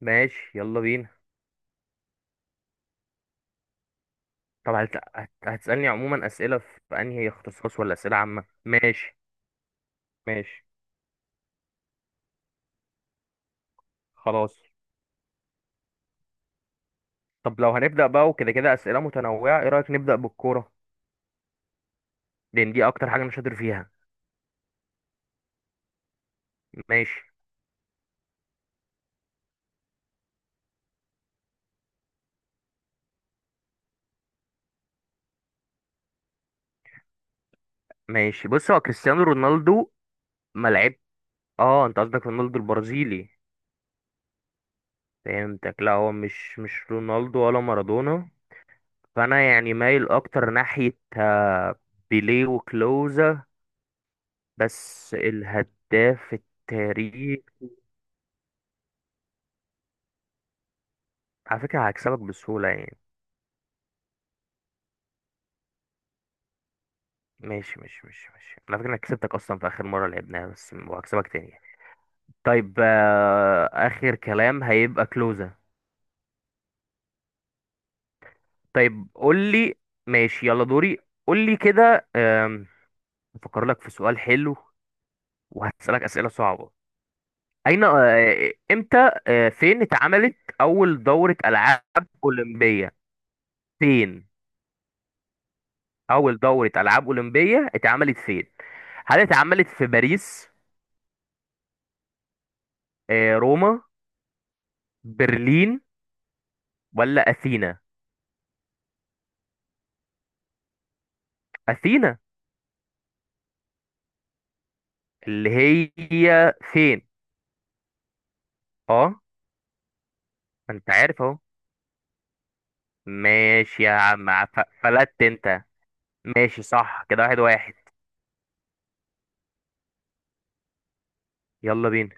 ماشي، يلا بينا. طب هتسألني عموما أسئلة في أنهي اختصاص، ولا أسئلة عامة؟ ماشي. ماشي، خلاص. طب لو هنبدأ بقى وكده كده أسئلة متنوعة، إيه رأيك نبدأ بالكورة؟ لأن دي أكتر حاجة أنا شاطر فيها. ماشي، ماشي. بص، هو كريستيانو رونالدو. ما لعب. آه، أنت قصدك رونالدو البرازيلي. فهمتك، لا، هو مش رونالدو ولا مارادونا. فأنا يعني مايل أكتر ناحية بيليه وكلوزا. بس الهداف التاريخي. على فكرة هكسبك بسهولة يعني. ماشي، ماشي، ماشي، ماشي. على فكرة أنا كسبتك أصلا في آخر مرة لعبناها، بس وهكسبك تاني يعني. طيب، آخر كلام هيبقى كلوزة. طيب قولي. ماشي، يلا دوري. قولي كده. أفكر لك في سؤال حلو. وهسألك أسئلة صعبة. أين، إمتى، فين اتعملت أول دورة ألعاب أولمبية؟ فين؟ أول دورة ألعاب أولمبية اتعملت فين؟ هل اتعملت في باريس؟ روما؟ برلين؟ ولا اثينا؟ اثينا. اللي هي فين؟ اه. ما انت عارف اهو. ماشي يا عم، فلت انت. ماشي، صح كده، واحد واحد. يلا بينا.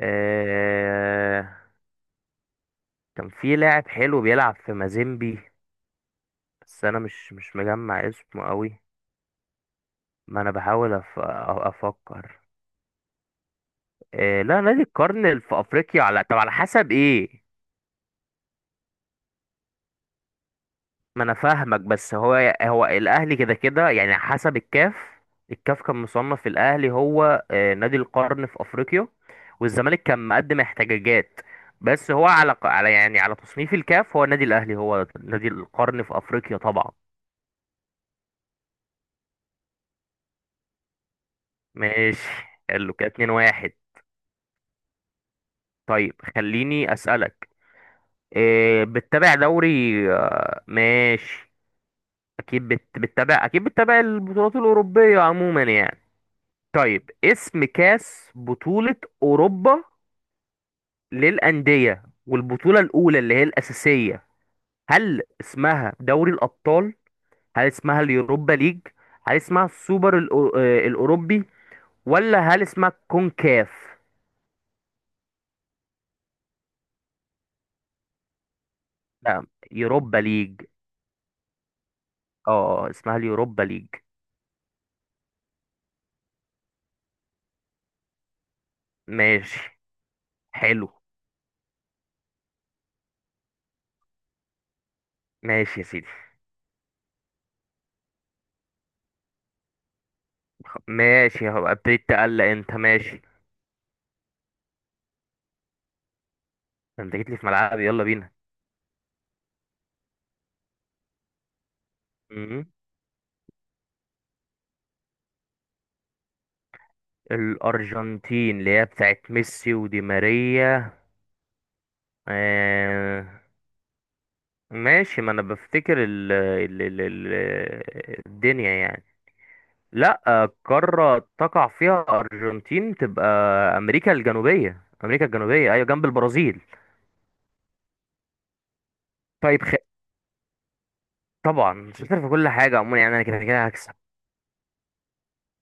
آه... كان في لاعب حلو بيلعب في مازيمبي. بس انا مش مجمع اسمه قوي. ما انا بحاول افكر. لا، نادي القرن اللي في افريقيا، على، طب على حسب ايه؟ ما انا فاهمك، بس هو الاهلي كده كده يعني، حسب الكاف. الكاف كان مصنف الاهلي هو نادي القرن في افريقيا. والزمالك كان مقدم احتجاجات. بس هو على يعني على تصنيف الكاف، هو النادي الاهلي هو نادي القرن في افريقيا طبعا. ماشي. حلو كده، 2-1. طيب خليني اسالك. بتتابع دوري؟ ماشي. اكيد بتتابع، اكيد بتتابع البطولات الاوروبيه عموما يعني. طيب، اسم كاس بطولة أوروبا للأندية، والبطولة الأولى اللي هي الأساسية. هل اسمها دوري الأبطال؟ هل اسمها اليوروبا ليج؟ هل اسمها السوبر الأوروبي؟ ولا هل اسمها كونكاف؟ لا، يوروبا ليج. اه، اسمها اليوروبا ليج. ماشي، حلو. ماشي يا سيدي. ماشي، هبقى ابتديت تقلق انت؟ ماشي. انت جيت لي في ملعبي، يلا بينا. مم. الأرجنتين اللي هي بتاعت ميسي ودي ماريا. آه. ماشي، ما أنا بفتكر ال ال ال ال الدنيا يعني. لا، قارة تقع فيها أرجنتين تبقى أمريكا الجنوبية. أمريكا الجنوبية، أيوة، جنب البرازيل. طيب. طبعا شاطر في كل حاجة عموما يعني، أنا كده كده هكسب.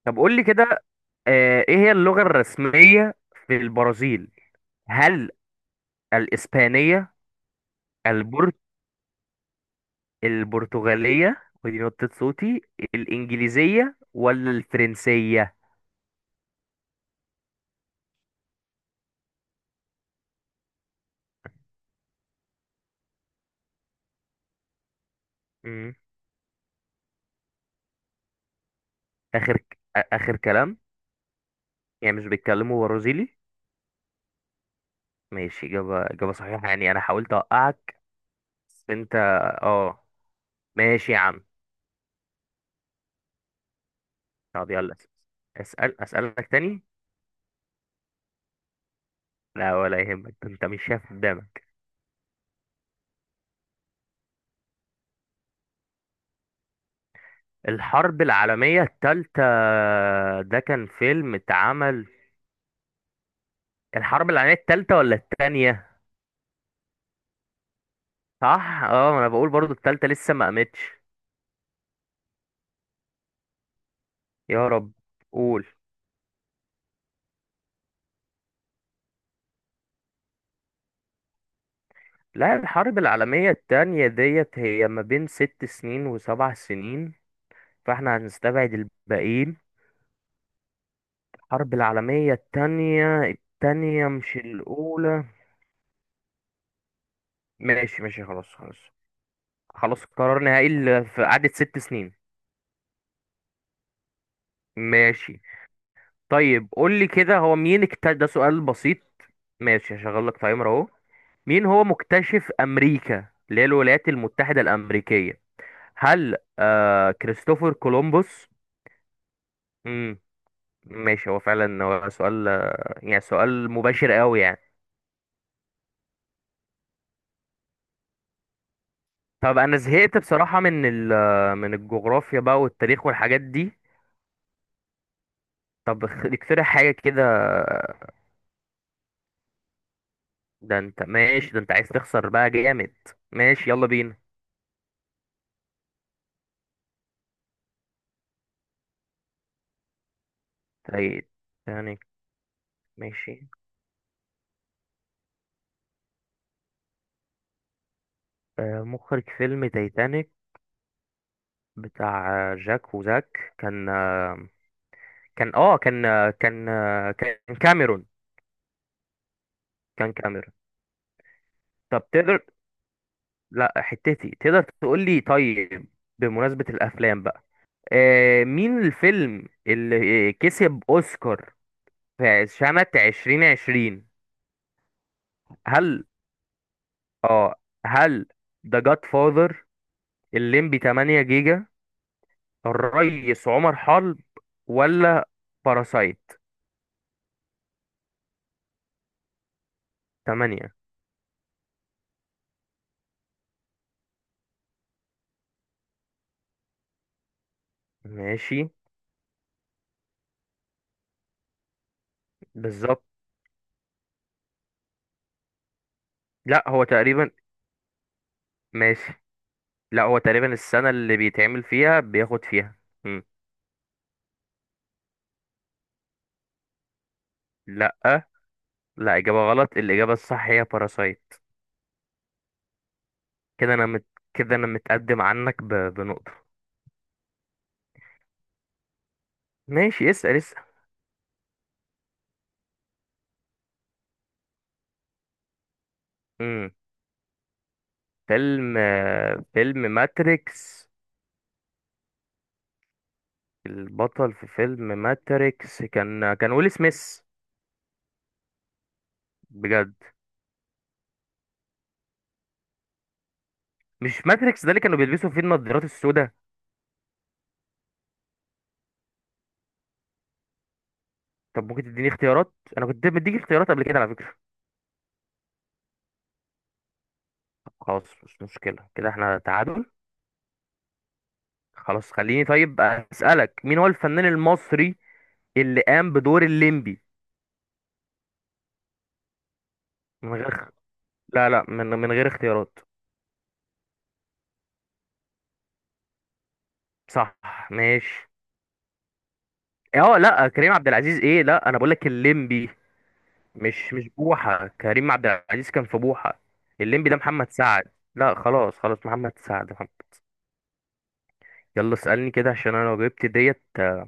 طب قول لي كده. إيه هي اللغة الرسمية في البرازيل؟ هل الإسبانية، البرتغالية، البرتغالية، ودي نقطة صوتي، الإنجليزية ولا الفرنسية؟ مم. آخر كلام. يعني مش بيتكلموا برازيلي؟ ماشي، إجابة صحيحة يعني، أنا حاولت أوقعك. بس أنت. أه. ماشي يا عم. طب يلا. أسألك تاني. لا، ولا يهمك، ده أنت مش شايف قدامك. الحرب العالمية التالتة، ده كان فيلم اتعمل. الحرب العالمية التالتة ولا التانية؟ صح، اه، ما انا بقول برضو التالتة لسه ما قامتش. يا رب. قول. لا، الحرب العالمية التانية ديت هي ما بين 6 سنين وسبع سنين. فاحنا هنستبعد الباقيين. الحرب العالمية التانية، التانية مش الأولى. ماشي، ماشي، خلاص، خلاص. خلاص، قرار نهائي، في قعدة 6 سنين. ماشي. طيب قول لي كده، هو مين اكتشف؟ ده سؤال بسيط. ماشي، هشغل لك تايمر اهو. مين هو مكتشف أمريكا اللي هي الولايات المتحدة الأمريكية؟ هل كريستوفر كولومبوس؟ ماشي، هو فعلا هو سؤال. يعني سؤال مباشر قوي يعني. طب انا زهقت بصراحة من الجغرافيا بقى والتاريخ والحاجات دي. طب اقترح حاجة كده. ده انت ماشي؟ ده انت عايز تخسر بقى جامد. ماشي، يلا بينا. تايتانيك. ماشي، مخرج فيلم تايتانيك بتاع جاك وزاك، كان كاميرون. كان كاميرون. طب تقدر. لا حتتي تقدر تقول لي طيب. بمناسبة الأفلام بقى. مين الفيلم اللي كسب أوسكار في سنة 2020؟ هل اه هل ذا جاد فاذر، الليمبي 8 جيجا، الريس عمر حرب، ولا باراسايت؟ 8. ماشي، بالظبط. لا هو تقريبا. ماشي. لا هو تقريبا السنة اللي بيتعمل فيها بياخد فيها. مم. لا، لا، إجابة غلط، الإجابة الصح هي باراسايت. كده انا مت... كده انا متقدم عنك بنقطة. ماشي، اسأل اسأل. امم فيلم ماتريكس. البطل في فيلم ماتريكس كان ويل سميث. بجد؟ مش ماتريكس ده اللي كانوا بيلبسوا فيه النضارات السوداء؟ طب ممكن تديني اختيارات؟ انا كنت مديك اختيارات قبل كده، على فكرة. طب خلاص، مش مشكلة، كده احنا تعادل. خلاص، خليني طيب اسألك، مين هو الفنان المصري اللي قام بدور الليمبي. من غير. لا، لا، من غير اختيارات. صح. ماشي. اه، لا، كريم عبد العزيز ايه؟ لا، انا بقول لك الليمبي. مش بوحه، كريم عبد العزيز كان في بوحه. الليمبي ده محمد سعد. لا، خلاص، خلاص، محمد سعد، محمد. يلا اسالني كده، عشان انا لو جبت ديت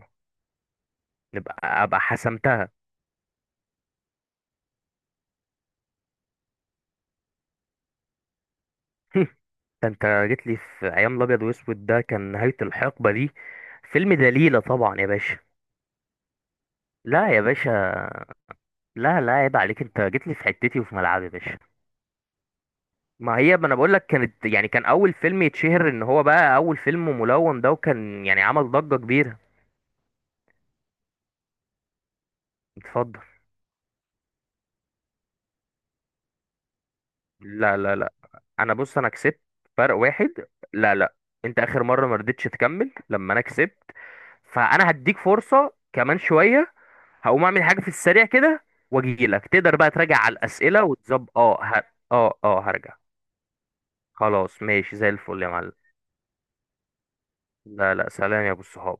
نبقى ابقى حسمتها. ده انت جيت لي في ايام الابيض واسود، ده كان نهايه الحقبه دي. فيلم دليله طبعا يا باشا. لا يا باشا. لا، لا، عيب عليك، انت جيت لي في حتتي وفي ملعبي يا باشا. ما هي، ما انا بقول لك، كانت يعني كان اول فيلم يتشهر ان هو بقى اول فيلم ملون ده، وكان يعني عمل ضجة كبيرة. اتفضل. لا، لا، لا، بص انا كسبت. فرق واحد. لا، لا. انت اخر مرة ما رضيتش تكمل لما انا كسبت. فانا هديك فرصة كمان شوية. هقوم اعمل حاجة في السريع كده. واجي لك، تقدر بقى تراجع على الاسئلة وتظبط، اه. اه، اه، هرجع. خلاص ماشي، زي الفل يا معلم. لا، لا، سلام يا ابو الصحاب.